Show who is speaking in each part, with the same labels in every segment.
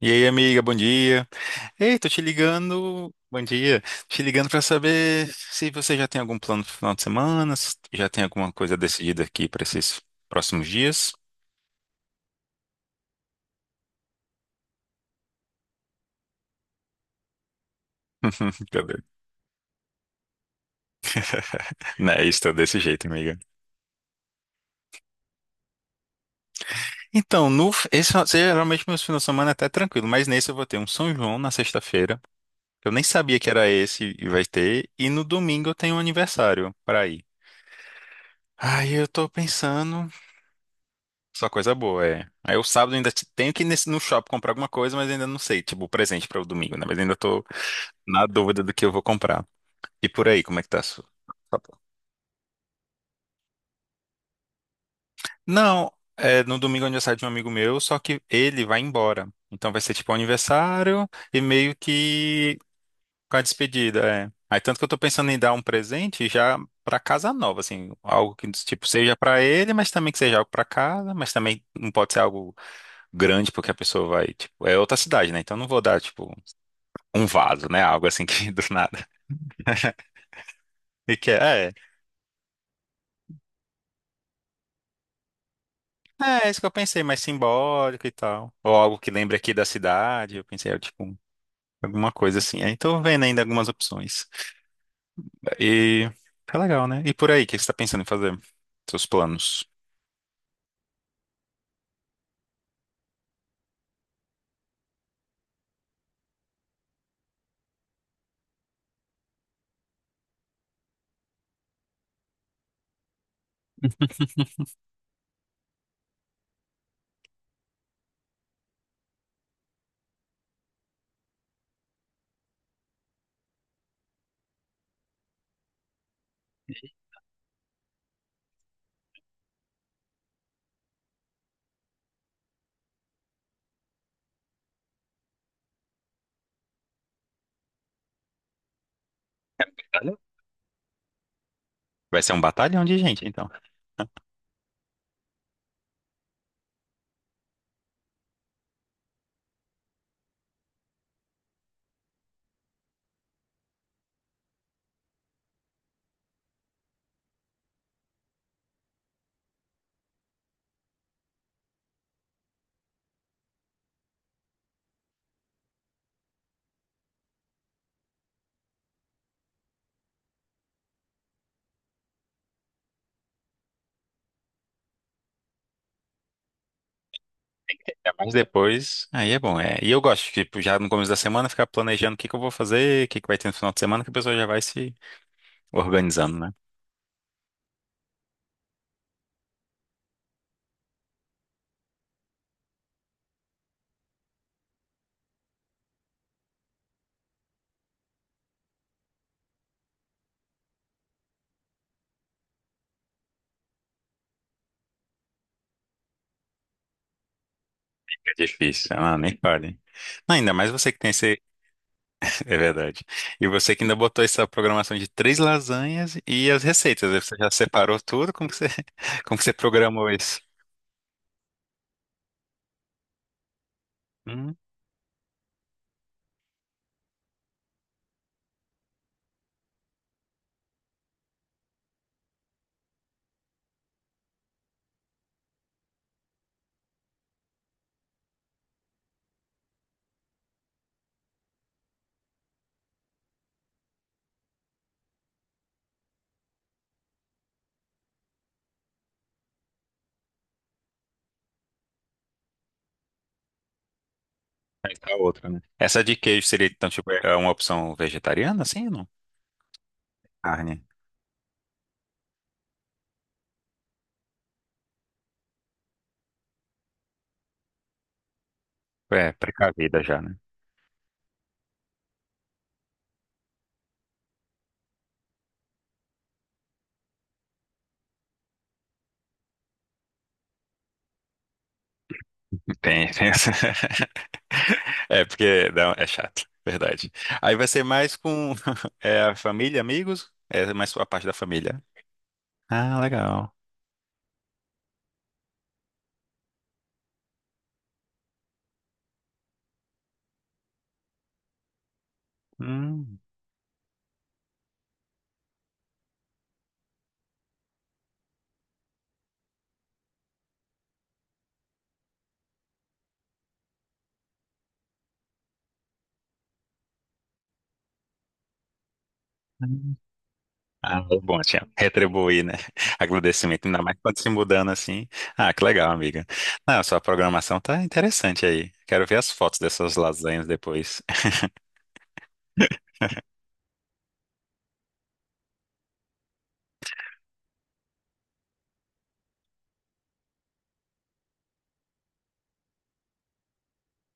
Speaker 1: E aí, amiga, bom dia. Ei, tô te ligando. Bom dia. Te ligando pra saber se você já tem algum plano pro final de semana, se já tem alguma coisa decidida aqui pra esses próximos dias. Tá doido. Não, é isso, tô desse jeito, amiga. Então, no, esse, geralmente meus finais de semana é até tranquilo, mas nesse eu vou ter um São João na sexta-feira. Que Eu nem sabia que era esse e vai ter. E no domingo eu tenho um aniversário pra ir. Aí eu tô pensando. Só coisa boa, é. Aí o sábado ainda tenho que ir no shopping comprar alguma coisa, mas ainda não sei, tipo, o presente para o domingo, né? Mas ainda tô na dúvida do que eu vou comprar. E por aí, como é que tá a sua? Tá bom. Não, é no domingo é aniversário de um amigo meu, só que ele vai embora. Então vai ser tipo um aniversário e meio que com a despedida, é. Aí tanto que eu tô pensando em dar um presente já pra casa nova, assim, algo que tipo seja pra ele, mas também que seja algo pra casa, mas também não pode ser algo grande porque a pessoa vai, tipo, é outra cidade, né? Então eu não vou dar, tipo, um vaso, né? Algo assim que do nada. E que é isso que eu pensei, mais simbólico e tal. Ou algo que lembre aqui da cidade. Eu pensei, é, tipo, alguma coisa assim. Aí tô vendo ainda algumas opções. E tá legal, né? E por aí, o que você tá pensando em fazer? Seus planos? Olha, vai ser um batalhão de gente, então. É, mas depois, aí é bom. É. E eu gosto, tipo, já no começo da semana, ficar planejando o que que eu vou fazer, o que que vai ter no final de semana, que a pessoa já vai se organizando, né? Difícil, ah, nem fale. Não, ainda mais você que tem esse. É verdade. E você que ainda botou essa programação de três lasanhas e as receitas. Aí você já separou tudo? Como que você, como que você programou isso? Hum, aí tá outra, né? Essa de queijo seria, então, tipo, é uma opção vegetariana, assim ou não? Carne. É, precavida já, né? Tem, tem essa. É, porque não, é chato, verdade. Aí vai ser mais com é, a família, amigos? É mais a parte da família. Ah, legal. Hum. Ah, bom, tinha retribuir, né? Agradecimento, ainda mais quando se mudando assim. Ah, que legal, amiga. Ah, sua programação tá interessante aí. Quero ver as fotos dessas lasanhas depois.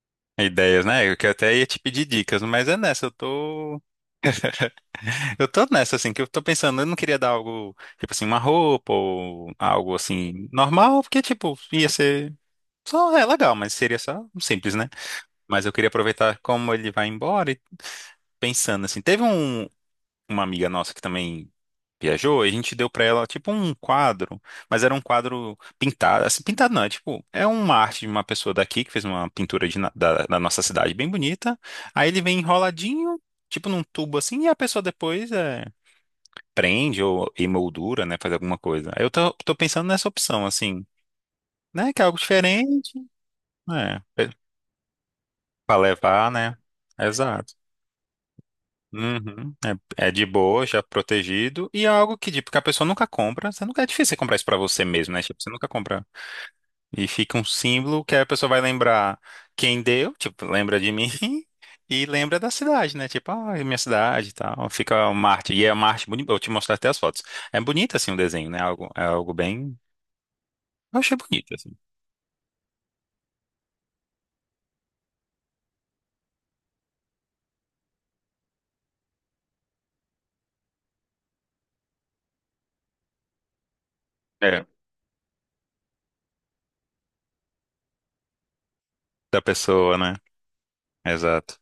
Speaker 1: Ideias, né? Eu que até ia te pedir dicas, mas é nessa, eu tô. Eu tô nessa, assim, que eu tô pensando, eu não queria dar algo, tipo assim, uma roupa ou algo assim, normal, porque, tipo, ia ser. Só é legal, mas seria só um simples, né? Mas eu queria aproveitar como ele vai embora e pensando assim. Teve uma amiga nossa que também viajou e a gente deu pra ela tipo um quadro, mas era um quadro pintado, assim, pintado não, é tipo, é uma arte de uma pessoa daqui que fez uma pintura da nossa cidade bem bonita. Aí ele vem enroladinho, tipo num tubo assim, e a pessoa depois é, prende ou emoldura, né, faz alguma coisa. Aí eu tô pensando nessa opção assim, né, que é algo diferente, né, pra levar, né? Exato. Uhum. É, é de boa, já protegido. E é algo que, tipo, que a pessoa nunca compra. Você nunca é difícil você comprar isso pra você mesmo, né? Tipo, você nunca compra. E fica um símbolo que a pessoa vai lembrar quem deu, tipo, lembra de mim e lembra da cidade, né? Tipo, ah, é minha cidade e tal. Fica uma arte. E é uma arte bonita. Eu te mostrar até as fotos. É bonito, assim, o desenho, né? Algo, é algo bem. Eu achei bonito, assim. É. Da pessoa, né? Exato.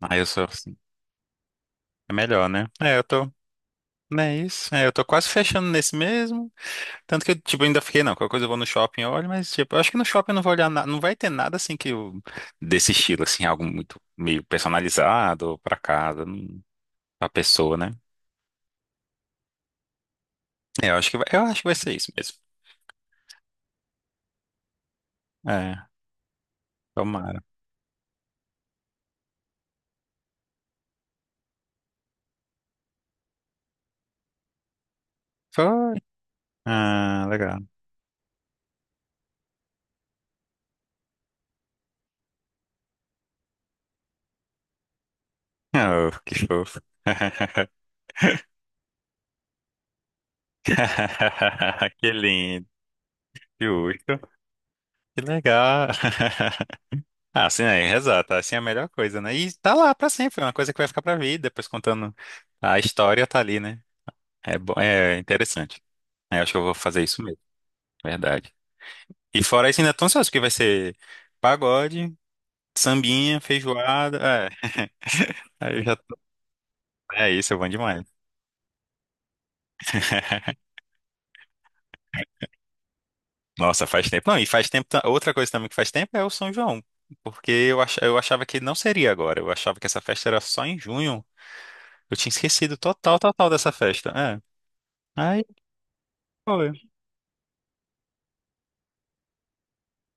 Speaker 1: Aí eu sou assim. É melhor, né? É, eu tô. Não é isso? É, eu tô quase fechando nesse mesmo. Tanto que eu, tipo, ainda fiquei, não, qualquer coisa eu vou no shopping, eu olho, mas, tipo, eu acho que no shopping eu não vou olhar nada, não vai ter nada, assim, que eu, desse estilo, assim, algo muito meio personalizado pra casa, pra pessoa, né? É, eu acho que vai, eu acho que vai ser isso mesmo. É, tomara. Foi. Ah, legal. Oh, que fofo. Que lindo. Justo. Que legal. Ah, assim, é, rezar, tá? Assim é a melhor coisa, né? E tá lá pra sempre, é uma coisa que vai ficar pra vida, depois contando a história, tá ali, né? É, é interessante. É, acho que eu vou fazer isso mesmo, verdade. E fora isso, ainda tô ansioso, porque vai ser pagode, sambinha, feijoada. É, aí eu já tô... É isso, é bom demais. Nossa, faz tempo. Não, e faz tempo. Outra coisa também que faz tempo é o São João. Porque eu achava que não seria agora. Eu achava que essa festa era só em junho. Eu tinha esquecido total, total dessa festa. É. Aí, pô.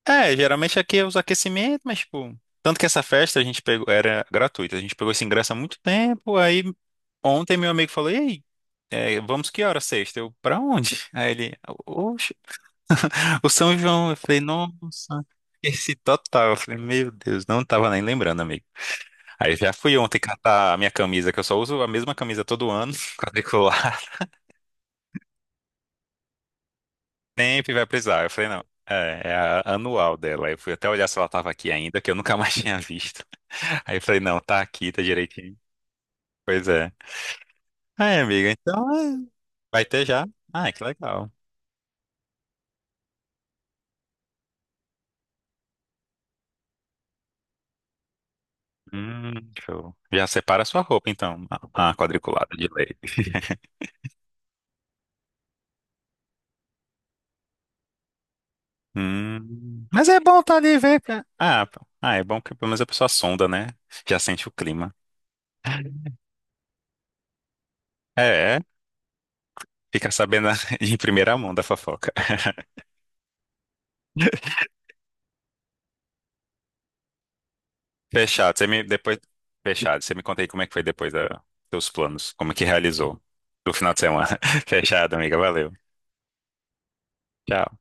Speaker 1: É, geralmente aqui é os aquecimentos, mas tipo. Tanto que essa festa a gente pegou, era gratuita, a gente pegou esse ingresso há muito tempo, aí ontem meu amigo falou, e aí, é, vamos que hora sexta? Eu, pra onde? Aí ele, oxe, o São João. Eu falei, nossa, esse total. Eu falei, meu Deus, não tava nem lembrando, amigo. Aí já fui ontem catar a minha camisa, que eu só uso a mesma camisa todo ano, quadricular. Sempre vai precisar. Eu falei, não, é, é a anual dela. Eu fui até olhar se ela estava aqui ainda, que eu nunca mais tinha visto. Aí eu falei, não, tá aqui, tá direitinho. Pois é. Aí, amiga, então é, vai ter já. Ah, que legal. Hum, show. Já separa a sua roupa, então. A quadriculada de leite. Mas é bom estar tá ali e ver. Ah, pô. Ah, é bom que pelo menos a pessoa sonda, né? Já sente o clima. É, é. Fica sabendo em primeira mão da fofoca. Fechado. Você me depois fechado. Você me conta aí como é que foi depois da seus planos, como é que realizou do final de semana. Fechado, amiga. Valeu. Tchau.